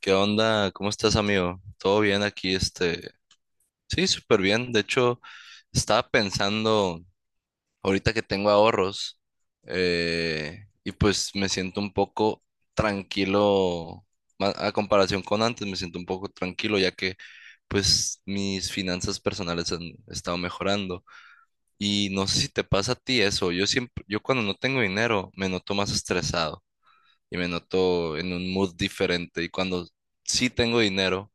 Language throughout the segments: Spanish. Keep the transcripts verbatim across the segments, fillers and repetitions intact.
¿Qué onda? ¿Cómo estás, amigo? ¿Todo bien aquí? Este, sí, súper bien. De hecho, estaba pensando ahorita que tengo ahorros, eh, y pues me siento un poco tranquilo ma- a comparación con antes. Me siento un poco tranquilo ya que pues mis finanzas personales han estado mejorando. Y no sé si te pasa a ti eso. Yo siempre, yo cuando no tengo dinero me noto más estresado y me noto en un mood diferente. Y cuando sí tengo dinero,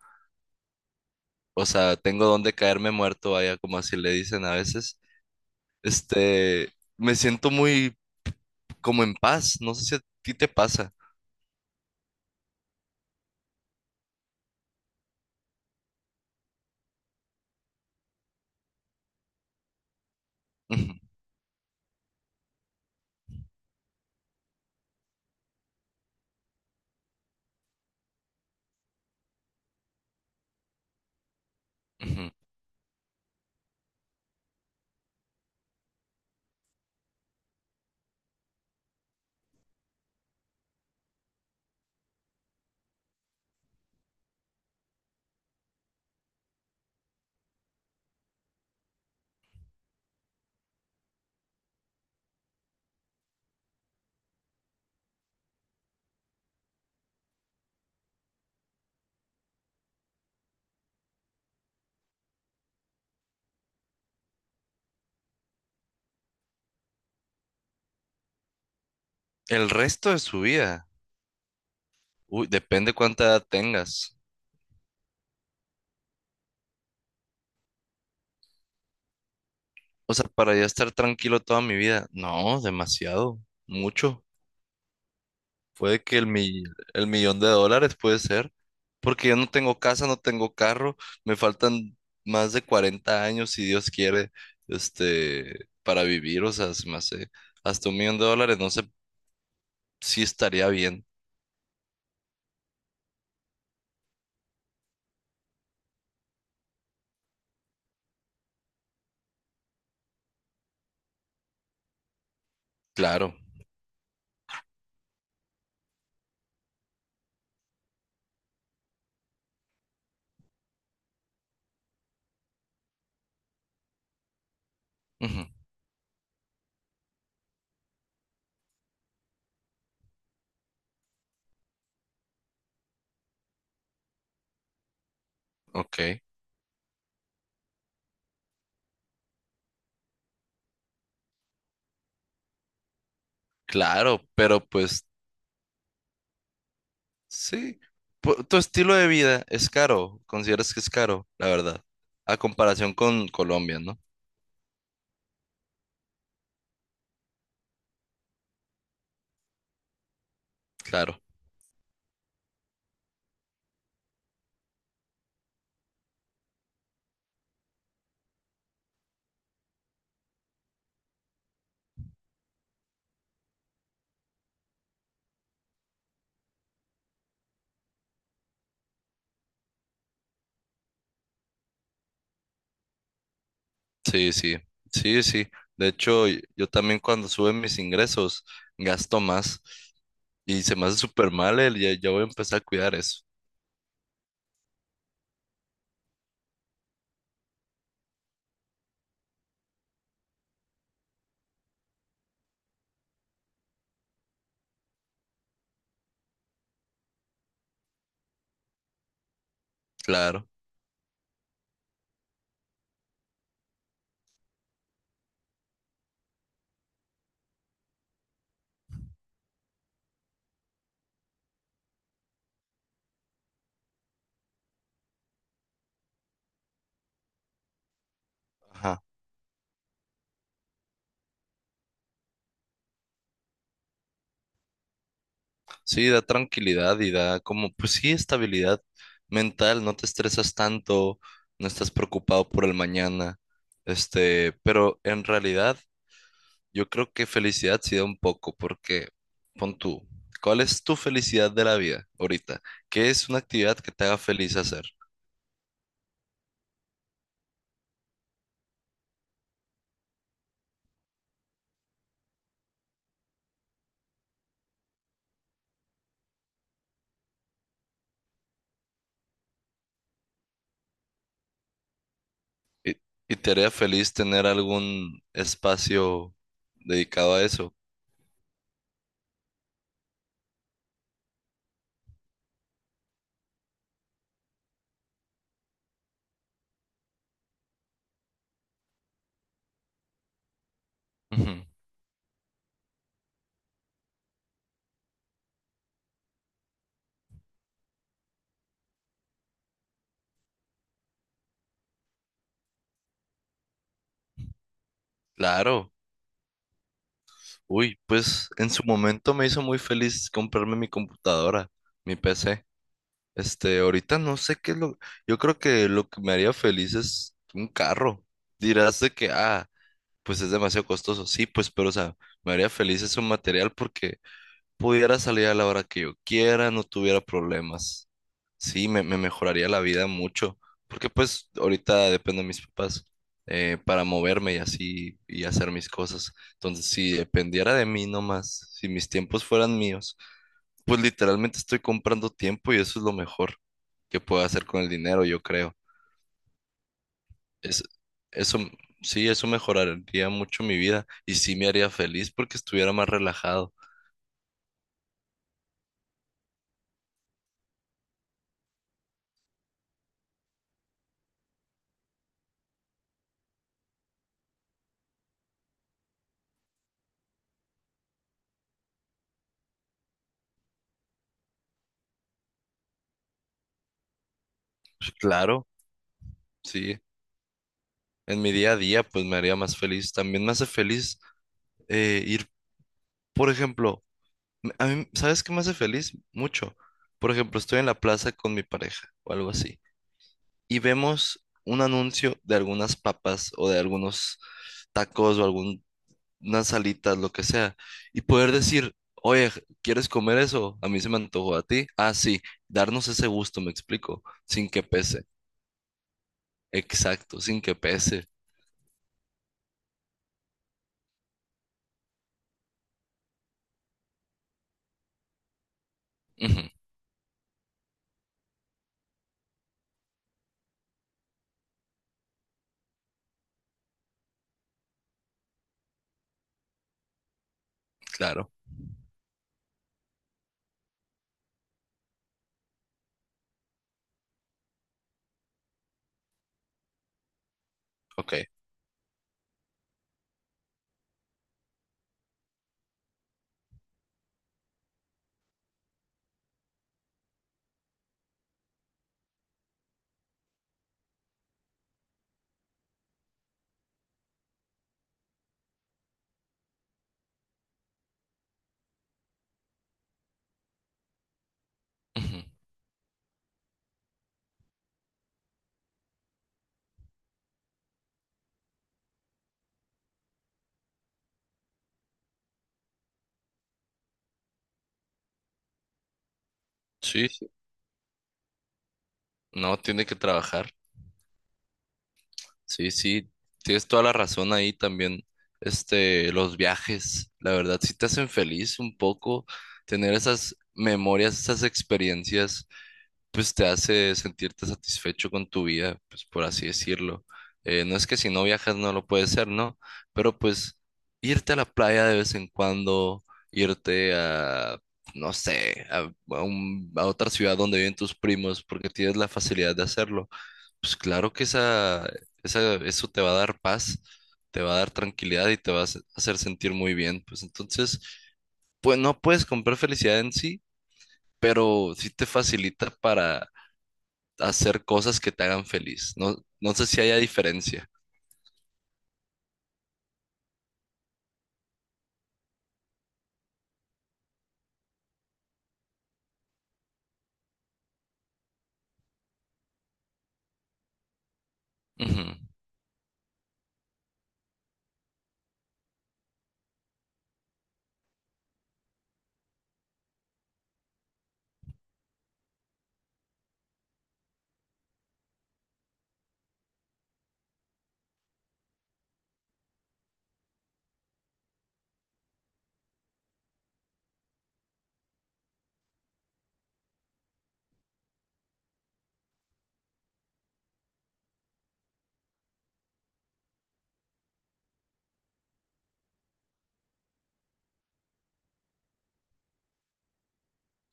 o sea, tengo donde caerme muerto, vaya, como así le dicen a veces. Este, me siento muy como en paz, no sé si a ti te pasa. Ujú, ujú. El resto de su vida, uy, depende cuánta edad tengas. O sea, para ya estar tranquilo toda mi vida, no, demasiado, mucho. Puede que el, mi- el millón de dólares puede ser, porque yo no tengo casa, no tengo carro, me faltan más de cuarenta años, si Dios quiere, este, para vivir, o sea, se me hace hasta un millón de dólares, no sé si estaría bien, claro, ujú, ok, claro, pero pues sí. Pu- tu estilo de vida es caro, consideras que es caro, la verdad, a comparación con Colombia, ¿no? Claro. Sí, sí, sí, sí. De hecho, y- yo también cuando suben mis ingresos gasto más y se me hace súper mal el, ya, ya voy a empezar a cuidar eso. Claro. Ajá. Sí, da tranquilidad y da como, pues sí, estabilidad mental, no te estresas tanto, no estás preocupado por el mañana. Este, pero en realidad yo creo que felicidad sí da un poco porque pon tú, ¿cuál es tu felicidad de la vida ahorita? ¿Qué es una actividad que te haga feliz hacer? ¿Y, y te haría feliz tener algún espacio dedicado a eso? Ujú. Claro. Uy, pues en su momento me hizo muy feliz comprarme mi computadora, mi P C. Este, ahorita no sé qué es lo... Yo creo que lo que me haría feliz es un carro. Dirás de que, ah, pues es demasiado costoso. Sí, pues, pero o sea, me haría feliz ese material porque pudiera salir a la hora que yo quiera, no tuviera problemas. Sí, me, me mejoraría la vida mucho, porque pues ahorita dependo de mis papás, eh, para moverme y así y hacer mis cosas. Entonces, si dependiera de mí nomás, si mis tiempos fueran míos, pues literalmente estoy comprando tiempo y eso es lo mejor que puedo hacer con el dinero, yo creo. Es, eso, sí, eso mejoraría mucho mi vida y sí me haría feliz porque estuviera más relajado. Pues, claro, sí. En mi día a día, pues me haría más feliz. También me hace feliz eh, ir, por ejemplo, m- a mí, ¿sabes qué me hace feliz? Mucho. Por ejemplo, estoy en la plaza con mi pareja o algo así y vemos un anuncio de algunas papas o de algunos tacos o algunas salitas, lo que sea, y poder decir, oye, ¿quieres comer eso? A mí se me antojó a ti. Ah, sí, darnos ese gusto, me explico, sin que pese. Exacto, sin que pese. Ujú, claro, ok. Ujú. Sí. No, tiene que trabajar. Sí, sí, tienes toda la razón ahí también. Este, los viajes, la verdad, sí te hacen feliz un poco. Tener esas memorias, esas experiencias, pues te hace sentirte satisfecho con tu vida, pues por así decirlo. Eh, no es que si no viajas no lo puedes ser, ¿no? Pero pues irte a la playa de vez en cuando, irte a, no sé, a, a un- a otra ciudad donde viven tus primos, porque tienes la facilidad de hacerlo, pues claro que esa, esa, eso te va a dar paz, te va a dar tranquilidad y te va a hace- hacer sentir muy bien. Pues entonces, pues no puedes comprar felicidad en sí, pero sí te facilita para hacer cosas que te hagan feliz. No, no sé si haya diferencia. Ujú.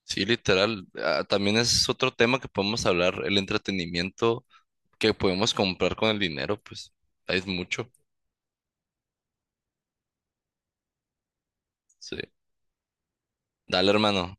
Sí, literal. Ah, también es otro tema que podemos hablar, el entretenimiento, que podemos comprar con el dinero, pues es mucho. Sí. Dale, hermano.